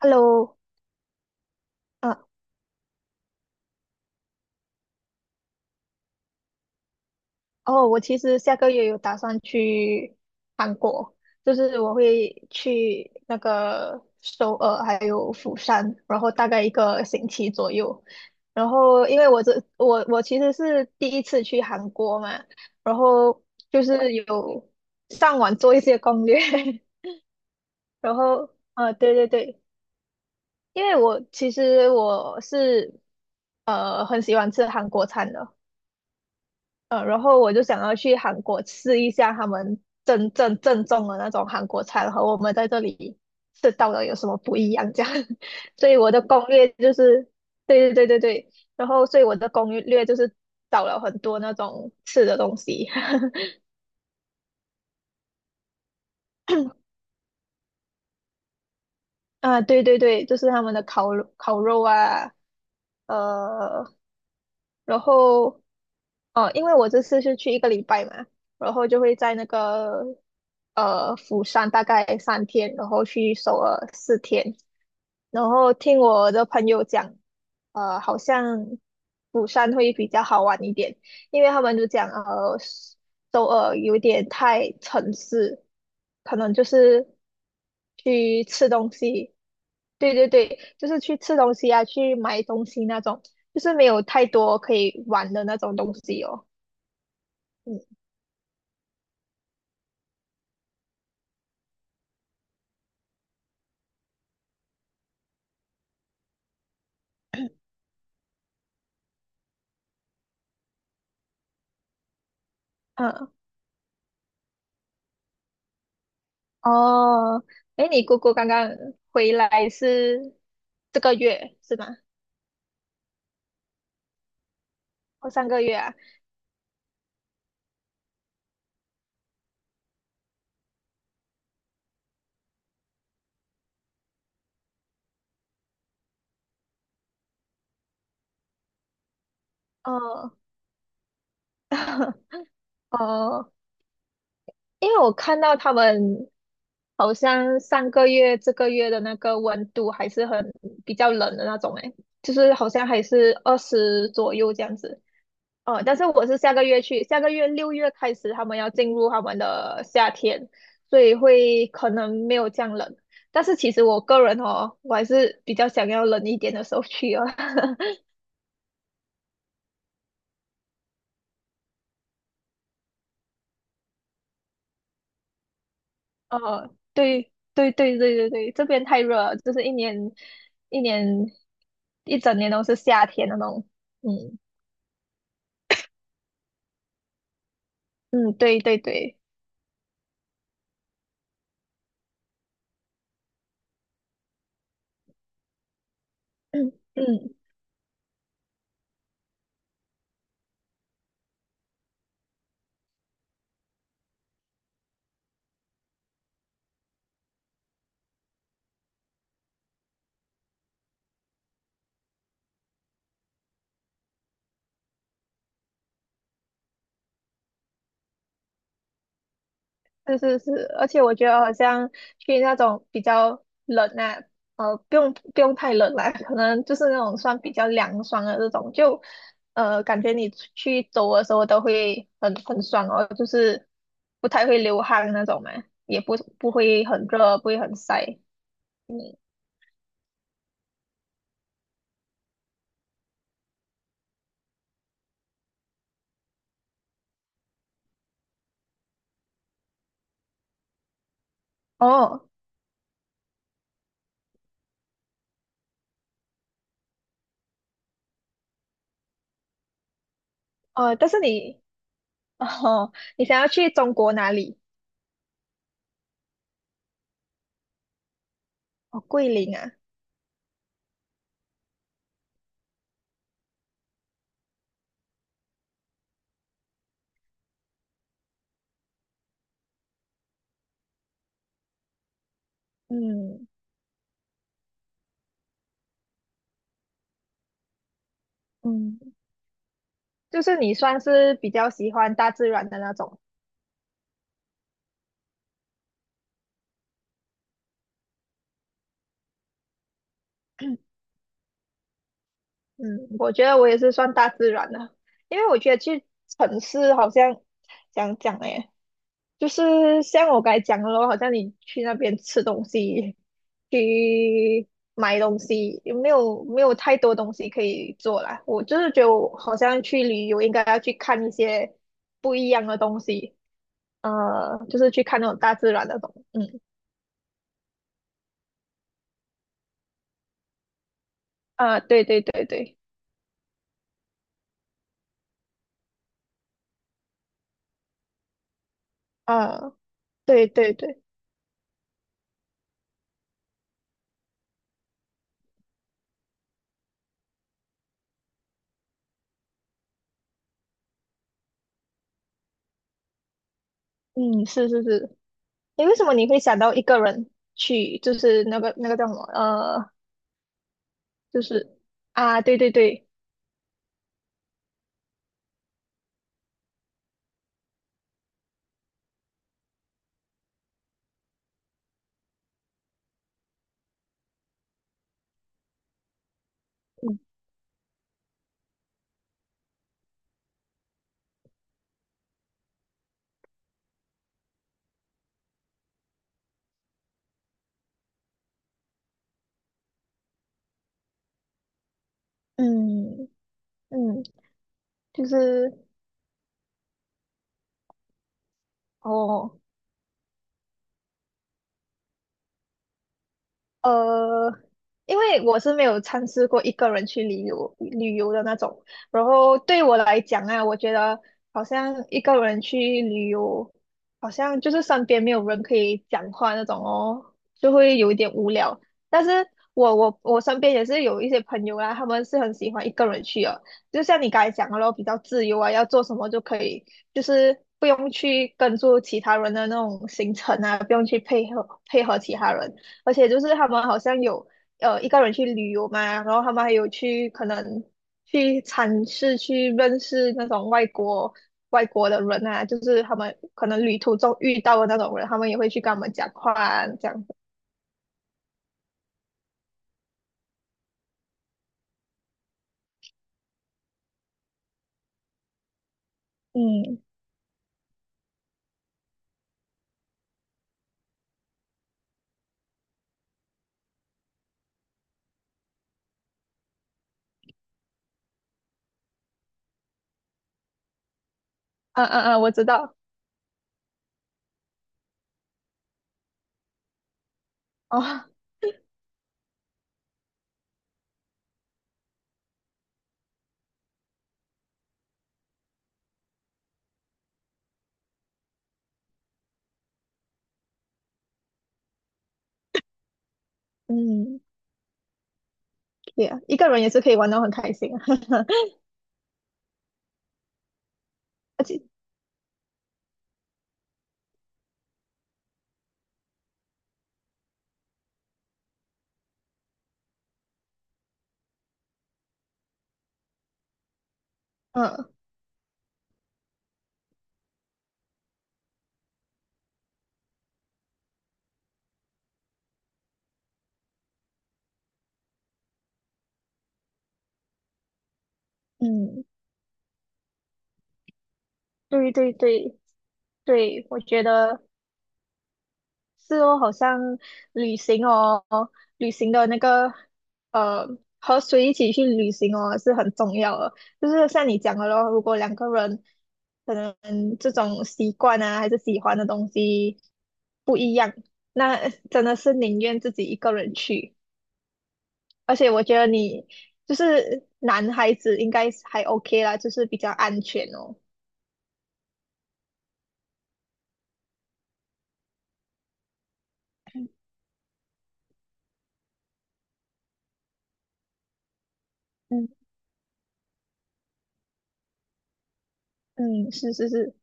Hello，嗯，哦，我其实下个月有打算去韩国，就是我会去那个首尔还有釜山，然后大概一个星期左右。然后因为我这我我其实是第一次去韩国嘛，然后就是有上网做一些攻略。然后对对对，因为我其实我是很喜欢吃韩国餐的。然后我就想要去韩国吃一下他们真正正宗的那种韩国菜和我们在这里吃到的有什么不一样这样。所以我的攻略就是，对对对对对，然后所以我的攻略就是找了很多那种吃的东西。啊，对对对，就是他们的烤肉啊。呃，然后因为我这次是去一个礼拜嘛，然后就会在釜山大概3天，然后去首尔4天。然后听我的朋友讲，好像釜山会比较好玩一点，因为他们就讲，首尔有点太城市，可能就是去吃东西，对对对，就是去吃东西啊，去买东西那种，就是没有太多可以玩的那种东西哦。嗯，嗯，哦，哎，你姑姑刚刚回来是这个月是吗？哦，上个月啊。哦，哦，因为我看到他们好像上个月、这个月的那个温度还是很比较冷的那种。诶，就是好像还是20左右这样子。哦，但是我是下个月去，下个月六月开始他们要进入他们的夏天，所以会可能没有这样冷。但是其实我个人哦，我还是比较想要冷一点的时候去哦。哦，对对对对对对，这边太热了，就是一年一整年都是夏天那种。嗯嗯，对对对，嗯，是是是，而且我觉得好像去那种比较冷啊，不用太冷啦，可能就是那种算比较凉爽的这种，感觉你出去走的时候都会很爽哦，就是不太会流汗那种嘛，也不会很热，不会很晒。哦哦，但是你哦，你想要去中国哪里？哦，桂林啊。嗯嗯，就是你算是比较喜欢大自然的那种。嗯，我觉得我也是算大自然的，因为我觉得去城市好像讲讲诶，就是像我刚才讲的咯，好像你去那边吃东西，去买东西，也没有太多东西可以做啦。我就是觉得我好像去旅游应该要去看一些不一样的东西。就是去看那种大自然的嗯。啊，对对对对，啊，对对对，嗯，是是是。诶，为什么你会想到一个人去，就是那个叫什么，就是啊，对对对，嗯嗯嗯，就是哦，呃，因为我是没有尝试过一个人去旅游的那种，然后对我来讲啊，我觉得好像一个人去旅游，好像就是身边没有人可以讲话那种哦，就会有一点无聊。但是我身边也是有一些朋友啦，他们是很喜欢一个人去的，就像你刚才讲的咯，比较自由啊，要做什么就可以，就是不用去跟住其他人的那种行程啊，不用去配合配合其他人。而且就是他们好像有一个人去旅游嘛，然后他们还有去可能去尝试去认识那种外国的人啊，就是他们可能旅途中遇到的那种人，他们也会去跟他们讲话啊这样子。嗯，嗯嗯嗯，我知道哦。嗯，对啊，一个人也是可以玩得很开心啊。而且嗯嗯，对对对对，我觉得。是哦，好像旅行哦，旅行的呃，和谁一起去旅行哦，是很重要的。就是像你讲的咯，如果两个人可能这种习惯啊，还是喜欢的东西不一样，那真的是宁愿自己一个人去。而且我觉得你就是男孩子应该还 OK 啦，就是比较安全哦。嗯嗯，是是是。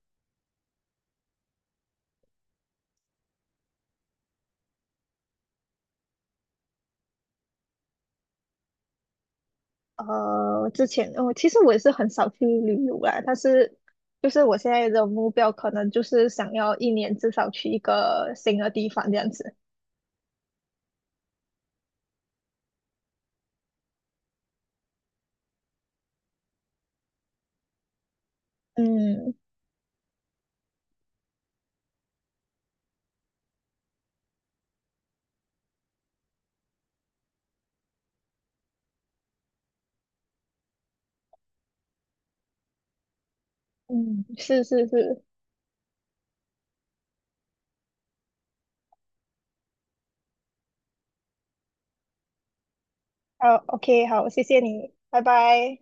之前我其实也是很少去旅游啦，但是就是我现在的目标可能就是想要一年至少去一个新的地方这样子。嗯嗯，是是是，好，OK，好，谢谢你，拜拜。